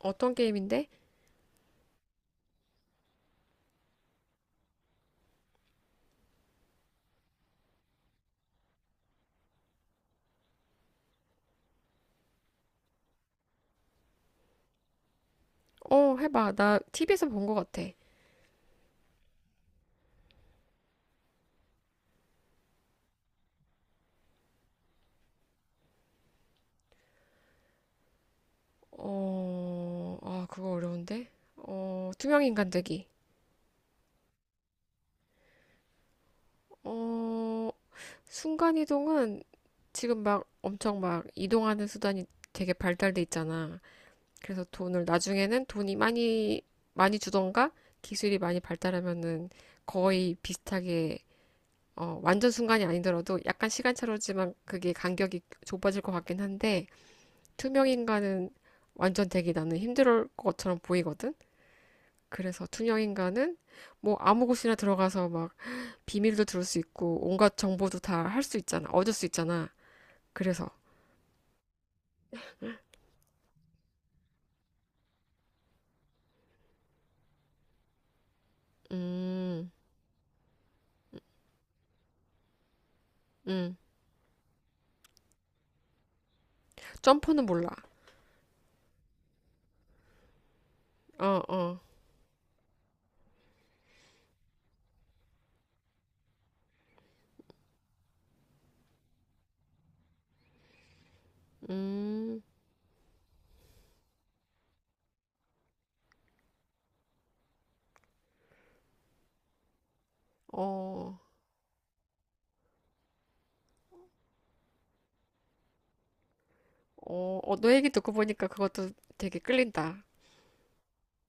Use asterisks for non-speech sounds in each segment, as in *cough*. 어떤 게임인데? 어, 해봐. 나 TV에서 본 것 같아. 어, 아, 그거 어려운데? 어, 투명인간되기. 어, 순간이동은 지금 막 엄청 막 이동하는 수단이 되게 발달돼 있잖아. 그래서 돈을 나중에는 돈이 많이 주던가 기술이 많이 발달하면은 거의 비슷하게 완전 순간이 아니더라도 약간 시간차로지만 그게 간격이 좁아질 것 같긴 한데 투명인간은 완전 되기 나는 힘들 것처럼 보이거든? 그래서 투명인간은 뭐 아무 곳이나 들어가서 막 비밀도 들을 수 있고 온갖 정보도 다 할 수 있잖아. 얻을 수 있잖아. 그래서, 음, 음. 점퍼는 몰라. 어, 어, 음, 어, 어, 어, 너 얘기 듣고 보니까 그것도 되게 끌린다.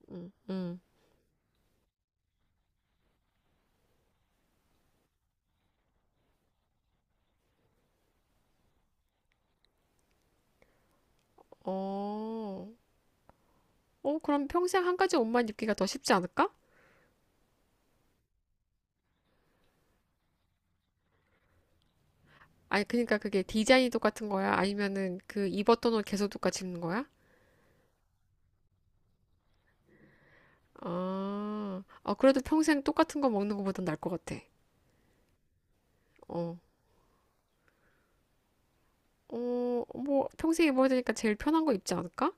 음, 음, 어, 어, 그럼 평생 한 가지 옷만 입기가 더 쉽지 않을까? 아니, 그러니까 그게 디자인이 똑같은 거야? 아니면은 그 입었던 옷 계속 똑같이 입는 거야? 아, 어, 그래도 평생 똑같은 거 먹는 거보단 나을 것 같아. 어, 어, 뭐, 평생 입어야 되니까 제일 편한 거 입지 않을까?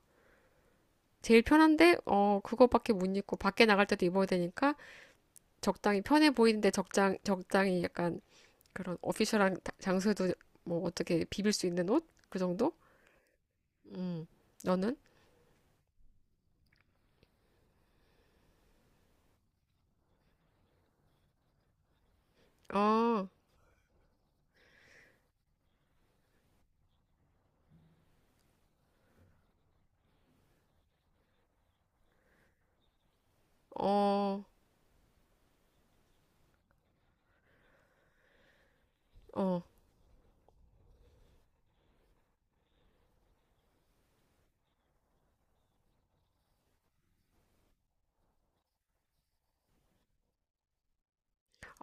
제일 편한데, 어, 그거밖에 못 입고 밖에 나갈 때도 입어야 되니까 적당히 편해 보이는데 적당히 약간 그런 오피셜한 장소에도 뭐 어떻게 비빌 수 있는 옷? 그 정도? 음, 너는? 어, 어, 어.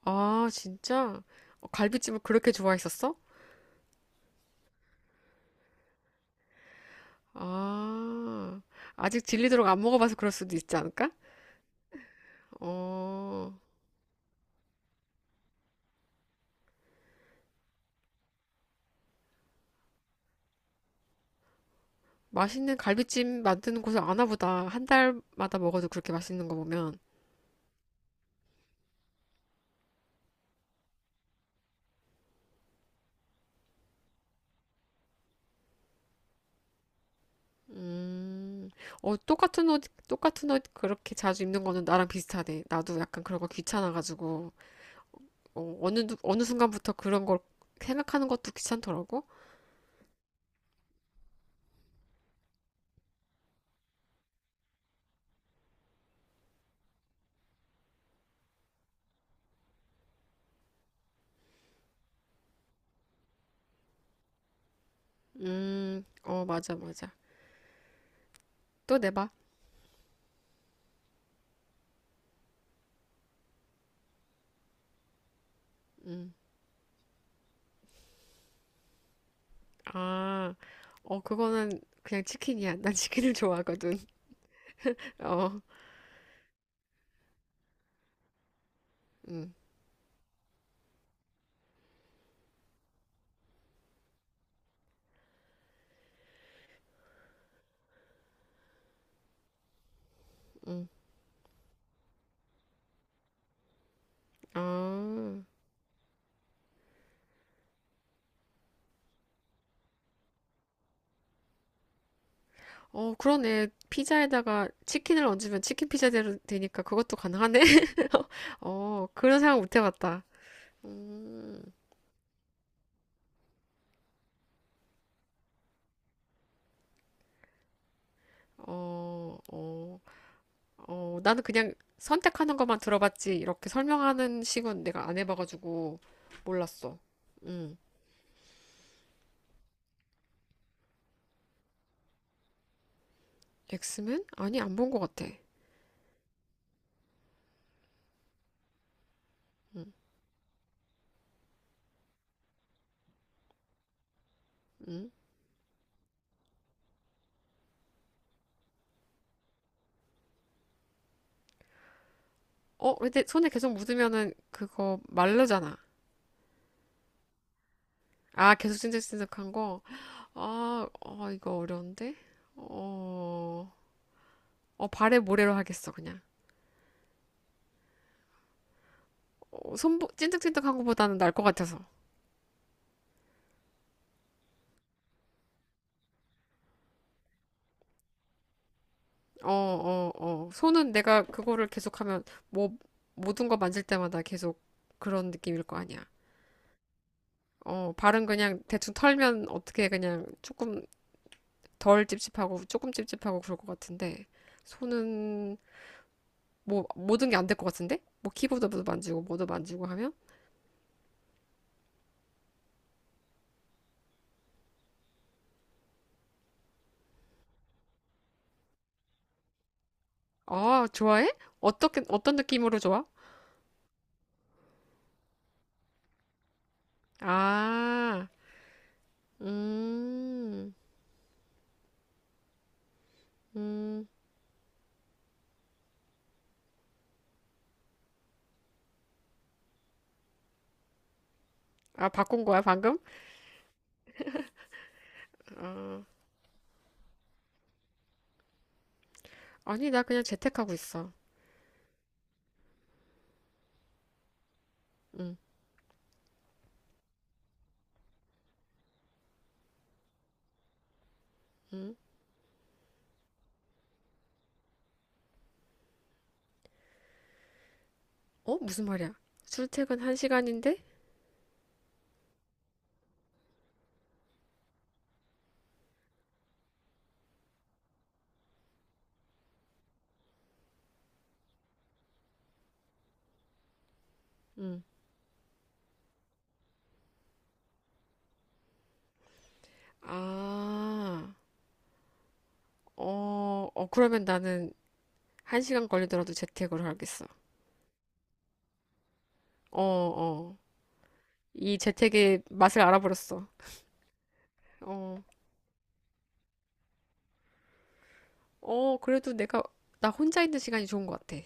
아, 진짜? 어, 갈비찜을 그렇게 좋아했었어? 아, 아직 질리도록 안 먹어봐서 그럴 수도 있지 않을까? 어, 맛있는 갈비찜 만드는 곳을 아나 보다. 한 달마다 먹어도 그렇게 맛있는 거 보면. 음, 어, 똑같은 옷, 똑같은 옷 그렇게 자주 입는 거는 나랑 비슷하네. 나도 약간 그런 거 귀찮아가지고, 어, 어느 순간부터 그런 걸 생각하는 것도 귀찮더라고. 어, 맞아, 맞아. 또 내봐. 음. 아, 어, 그거는 그냥 치킨이야. 난 치킨을 좋아하거든. *laughs* 어, 음, 음, 아. 어, 그러네. 피자에다가 치킨을 얹으면 치킨 피자대로 되니까 그것도 가능하네. *laughs* 어, 그런 생각 못 해봤다. 음, 어, 어, 어, 나는 그냥 선택하는 것만 들어봤지. 이렇게 설명하는 식은 내가 안 해봐가지고 몰랐어. 음, 엑스맨? 아니, 안 본 것 같아. 음, 음. 어, 근데 손에 계속 묻으면은 그거 마르잖아. 아, 계속 찐득찐득한 거. 아, 어, 이거 어려운데? 어, 어, 발에 모래로 하겠어, 그냥. 어, 손, 찐득찐득한 거보다는 날 것 같아서. 어, 어, 어. 손은 내가 그거를 계속하면 뭐, 모든 거 만질 때마다 계속 그런 느낌일 거 아니야. 어, 발은 그냥 대충 털면 어떻게 그냥 조금 덜 찝찝하고 조금 찝찝하고 그럴 것 같은데, 손은 뭐 모든 게 안 될 것 같은데? 뭐 키보드도 만지고 뭐도 만지고 하면? 아, 좋아해? 어떻게 어떤 느낌으로 좋아? 아, 음, 음, 아 바꾼 거야 방금? 아, 아니 나 그냥 재택하고 있어. 음, 응. 어 무슨 말이야? 출퇴근 한 시간인데? 응. 아, 어, 어 그러면 나는 한 시간 걸리더라도 재택으로 하겠어. 어, 어. 이 재택의 맛을 알아버렸어. 어. 어, 그래도 내가, 나 혼자 있는 시간이 좋은 것 같아.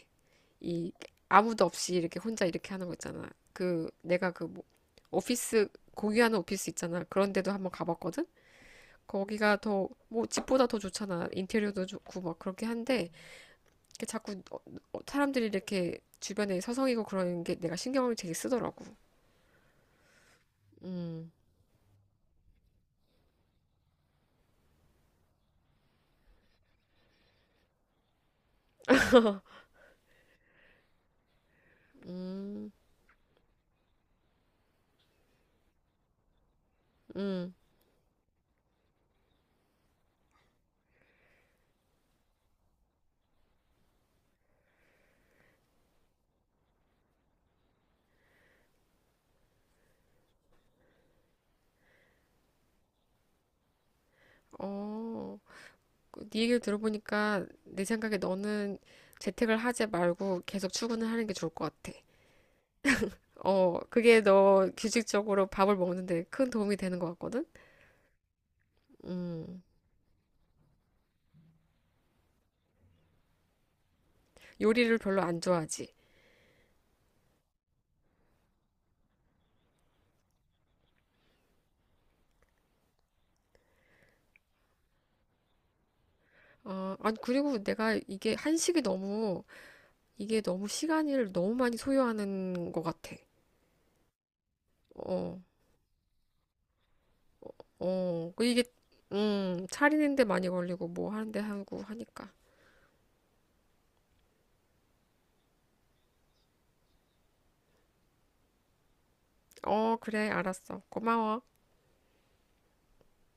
이, 아무도 없이 이렇게 혼자 이렇게 하는 거 있잖아. 그, 내가 그, 뭐, 오피스, 공유하는 오피스 있잖아. 그런 데도 한번 가봤거든? 거기가 더, 뭐, 집보다 더 좋잖아. 인테리어도 좋고, 막, 그렇게 한데, 이렇게 자꾸, 사람들이 이렇게 주변에 서성이고 그러는 게 내가 신경을 되게 쓰더라고. 음, 음, 음, 어. 그네 얘기를 들어보니까 내 생각에 너는 재택을 하지 말고 계속 출근을 하는 게 좋을 것 같아. 어, 그게 너 규칙적으로 밥을 먹는데 큰 도움이 되는 것 같거든? 음, 요리를 별로 안 좋아하지. 어, 아니, 그리고 내가 이게 한식이 너무, 이게 너무 시간을 너무 많이 소요하는 것 같아. 어, 어, 그 이게, 차리는데 많이 걸리고 뭐 하는데 하고 하니까. 어, 그래, 알았어. 고마워.